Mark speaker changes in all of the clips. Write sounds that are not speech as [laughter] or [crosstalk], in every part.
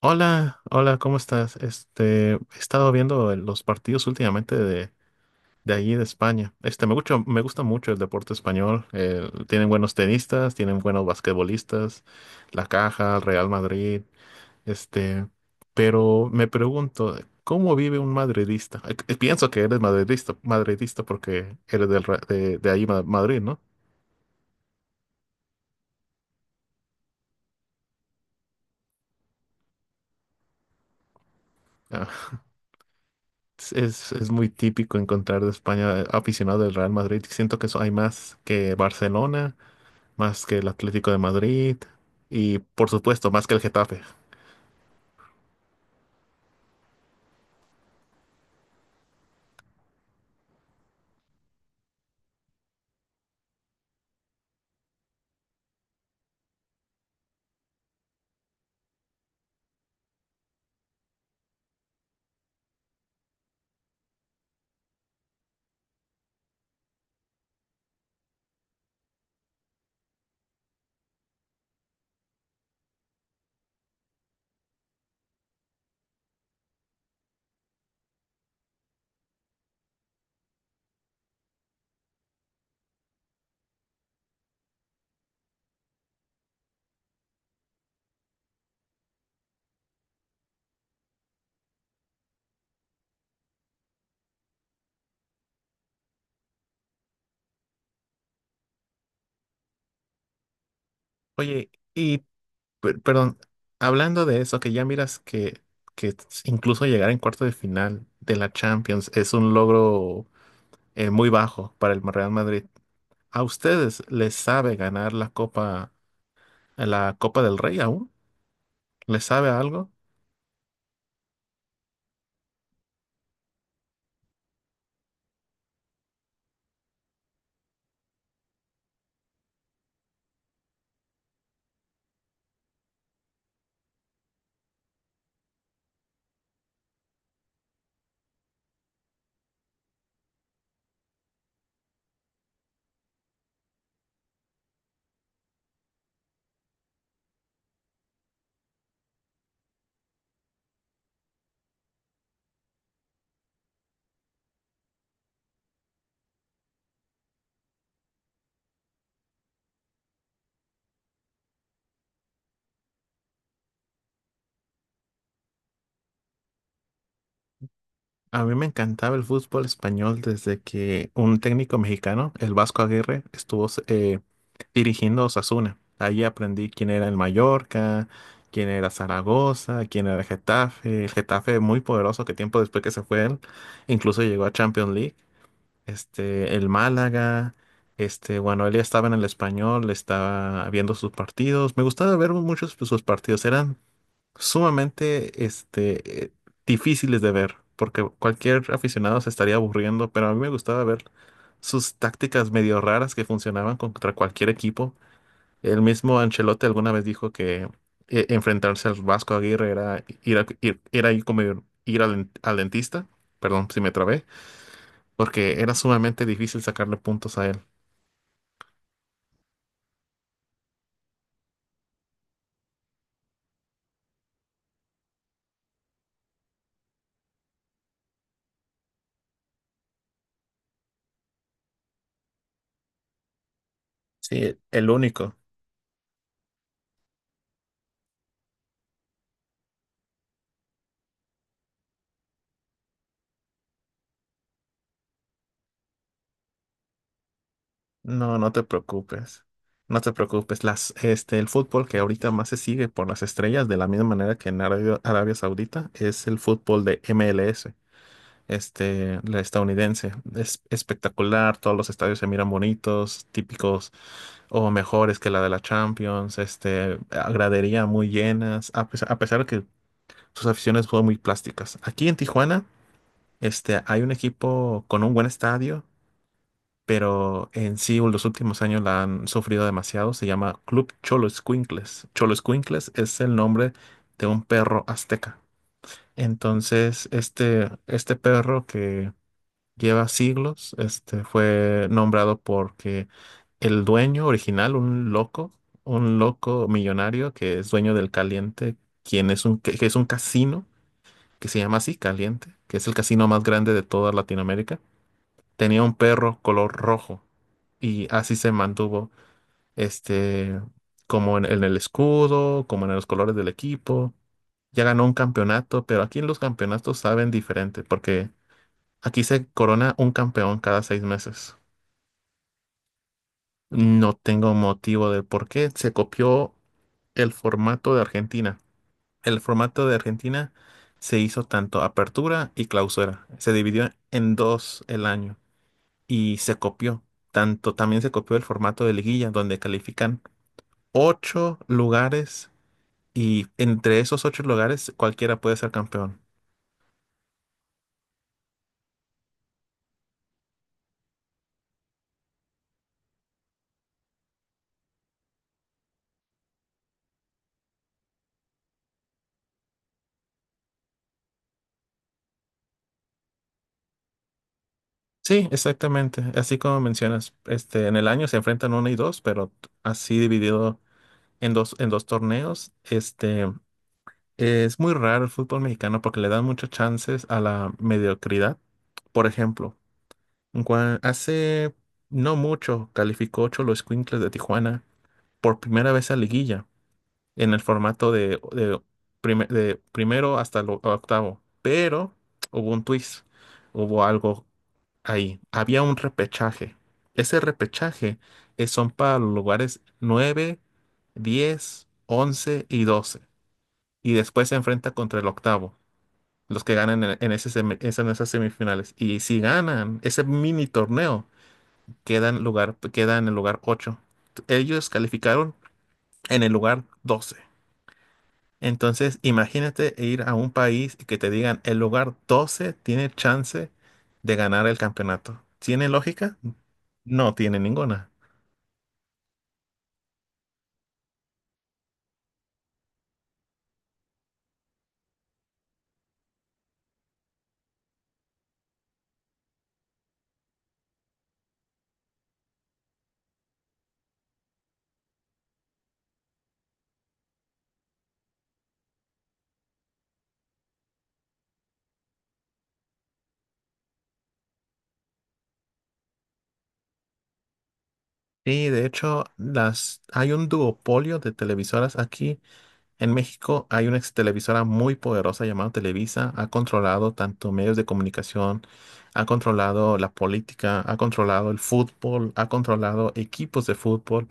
Speaker 1: Hola, hola, ¿cómo estás? He estado viendo los partidos últimamente de allí de España. Me gusta, me gusta mucho el deporte español. Tienen buenos tenistas, tienen buenos basquetbolistas, La Caja, el Real Madrid, este, pero me pregunto, ¿cómo vive un madridista? Pienso que eres madridista, madridista porque eres de ahí, Madrid, ¿no? Ah, es muy típico encontrar de España, aficionado del Real Madrid. Siento que eso hay más que Barcelona, más que el Atlético de Madrid y por supuesto más que el Getafe. Oye, y perdón, hablando de eso, que ya miras que incluso llegar en cuarto de final de la Champions es un logro muy bajo para el Real Madrid. ¿A ustedes les sabe ganar la Copa del Rey aún? ¿Les sabe algo? A mí me encantaba el fútbol español desde que un técnico mexicano, el Vasco Aguirre, estuvo dirigiendo a Osasuna. Ahí aprendí quién era el Mallorca, quién era Zaragoza, quién era el Getafe. El Getafe muy poderoso que tiempo después que se fue él, incluso llegó a Champions League. El Málaga, bueno, él ya estaba en el Español, estaba viendo sus partidos. Me gustaba ver muchos de sus partidos, eran sumamente, difíciles de ver, porque cualquier aficionado se estaría aburriendo, pero a mí me gustaba ver sus tácticas medio raras que funcionaban contra cualquier equipo. El mismo Ancelotti alguna vez dijo que enfrentarse al Vasco Aguirre era ir al dentista, perdón si me trabé, porque era sumamente difícil sacarle puntos a él. Sí, el único. No, no te preocupes. No te preocupes. El fútbol que ahorita más se sigue por las estrellas, de la misma manera que en Arabia Saudita, es el fútbol de MLS, la estadounidense. Es espectacular, todos los estadios se miran bonitos, típicos o mejores que la de la Champions, a gradería muy llenas, a pesar de que sus aficiones fueron muy plásticas. Aquí en Tijuana, hay un equipo con un buen estadio, pero en sí los últimos años la han sufrido demasiado. Se llama Club Cholo Escuincles. Cholo Escuincles es el nombre de un perro azteca. Entonces, este perro que lleva siglos. Este fue nombrado porque el dueño original, un loco millonario que es dueño del Caliente, quien es un, que es un casino que se llama así, Caliente, que es el casino más grande de toda Latinoamérica, tenía un perro color rojo y así se mantuvo este como en el escudo, como en los colores del equipo. Ya ganó un campeonato, pero aquí en los campeonatos saben diferente, porque aquí se corona un campeón cada seis meses. No tengo motivo del por qué. Se copió el formato de Argentina. El formato de Argentina se hizo tanto apertura y clausura. Se dividió en dos el año y se copió. Tanto también se copió el formato de liguilla, donde califican ocho lugares y entre esos ocho lugares cualquiera puede ser campeón. Sí, exactamente. Así como mencionas, en el año se enfrentan uno y dos, pero así dividido en dos torneos. Es muy raro el fútbol mexicano porque le dan muchas chances a la mediocridad. Por ejemplo, hace no mucho calificó los Escuincles de Tijuana por primera vez a liguilla en el formato de de primero hasta el octavo. Pero hubo un twist, hubo algo ahí. Había un repechaje. Ese repechaje son para los lugares 9, 10, 11 y 12. Y después se enfrenta contra el octavo, los que ganan en ese en esas semifinales. Y si ganan ese mini torneo, queda en el lugar 8. Ellos calificaron en el lugar 12. Entonces, imagínate ir a un país y que te digan el lugar 12 tiene chance de ganar el campeonato. ¿Tiene lógica? No tiene ninguna. Y de hecho, hay un duopolio de televisoras aquí. En México hay una ex televisora muy poderosa llamada Televisa. Ha controlado tanto medios de comunicación, ha controlado la política, ha controlado el fútbol, ha controlado equipos de fútbol.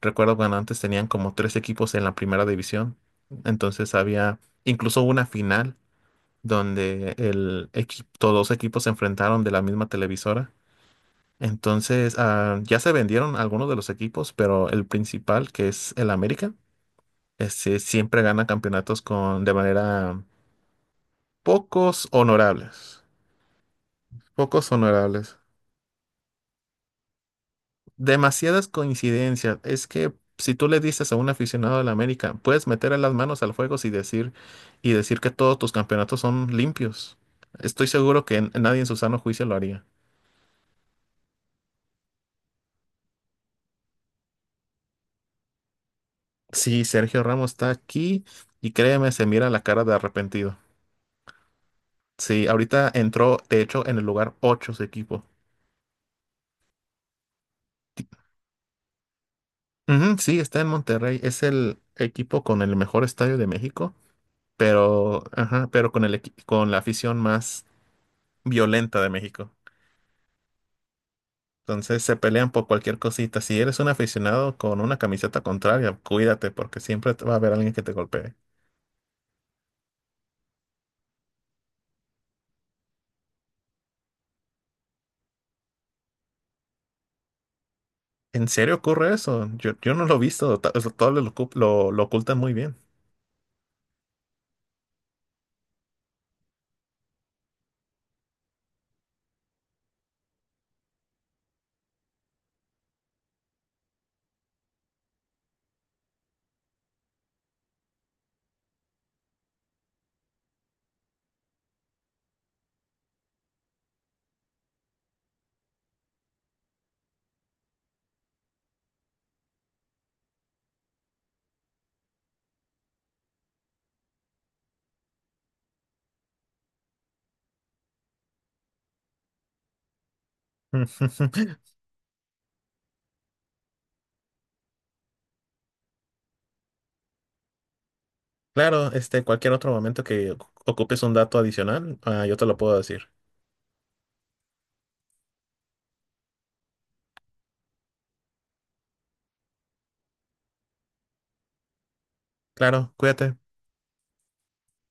Speaker 1: Recuerdo cuando antes tenían como tres equipos en la primera división. Entonces había incluso una final donde el equipo, todos los equipos se enfrentaron de la misma televisora. Entonces ah, ya se vendieron algunos de los equipos, pero el principal, que es el América, siempre gana campeonatos con, de manera pocos honorables. Pocos honorables. Demasiadas coincidencias. Es que si tú le dices a un aficionado de la América, puedes meter las manos al fuego y decir que todos tus campeonatos son limpios. Estoy seguro que nadie en su sano juicio lo haría. Sí, Sergio Ramos está aquí y créeme, se mira la cara de arrepentido. Sí, ahorita entró, de hecho, en el lugar 8 su equipo. Ujú, sí, está en Monterrey. Es el equipo con el mejor estadio de México, pero, ajá, pero con con la afición más violenta de México. Entonces se pelean por cualquier cosita. Si eres un aficionado con una camiseta contraria, cuídate porque siempre te va a haber alguien que te golpee. ¿En serio ocurre eso? Yo no lo he visto. Ta- eso Todos lo, ocu- Lo ocultan muy bien. [laughs] Claro, cualquier otro momento que ocupes un dato adicional, ah, yo te lo puedo decir. Claro, cuídate.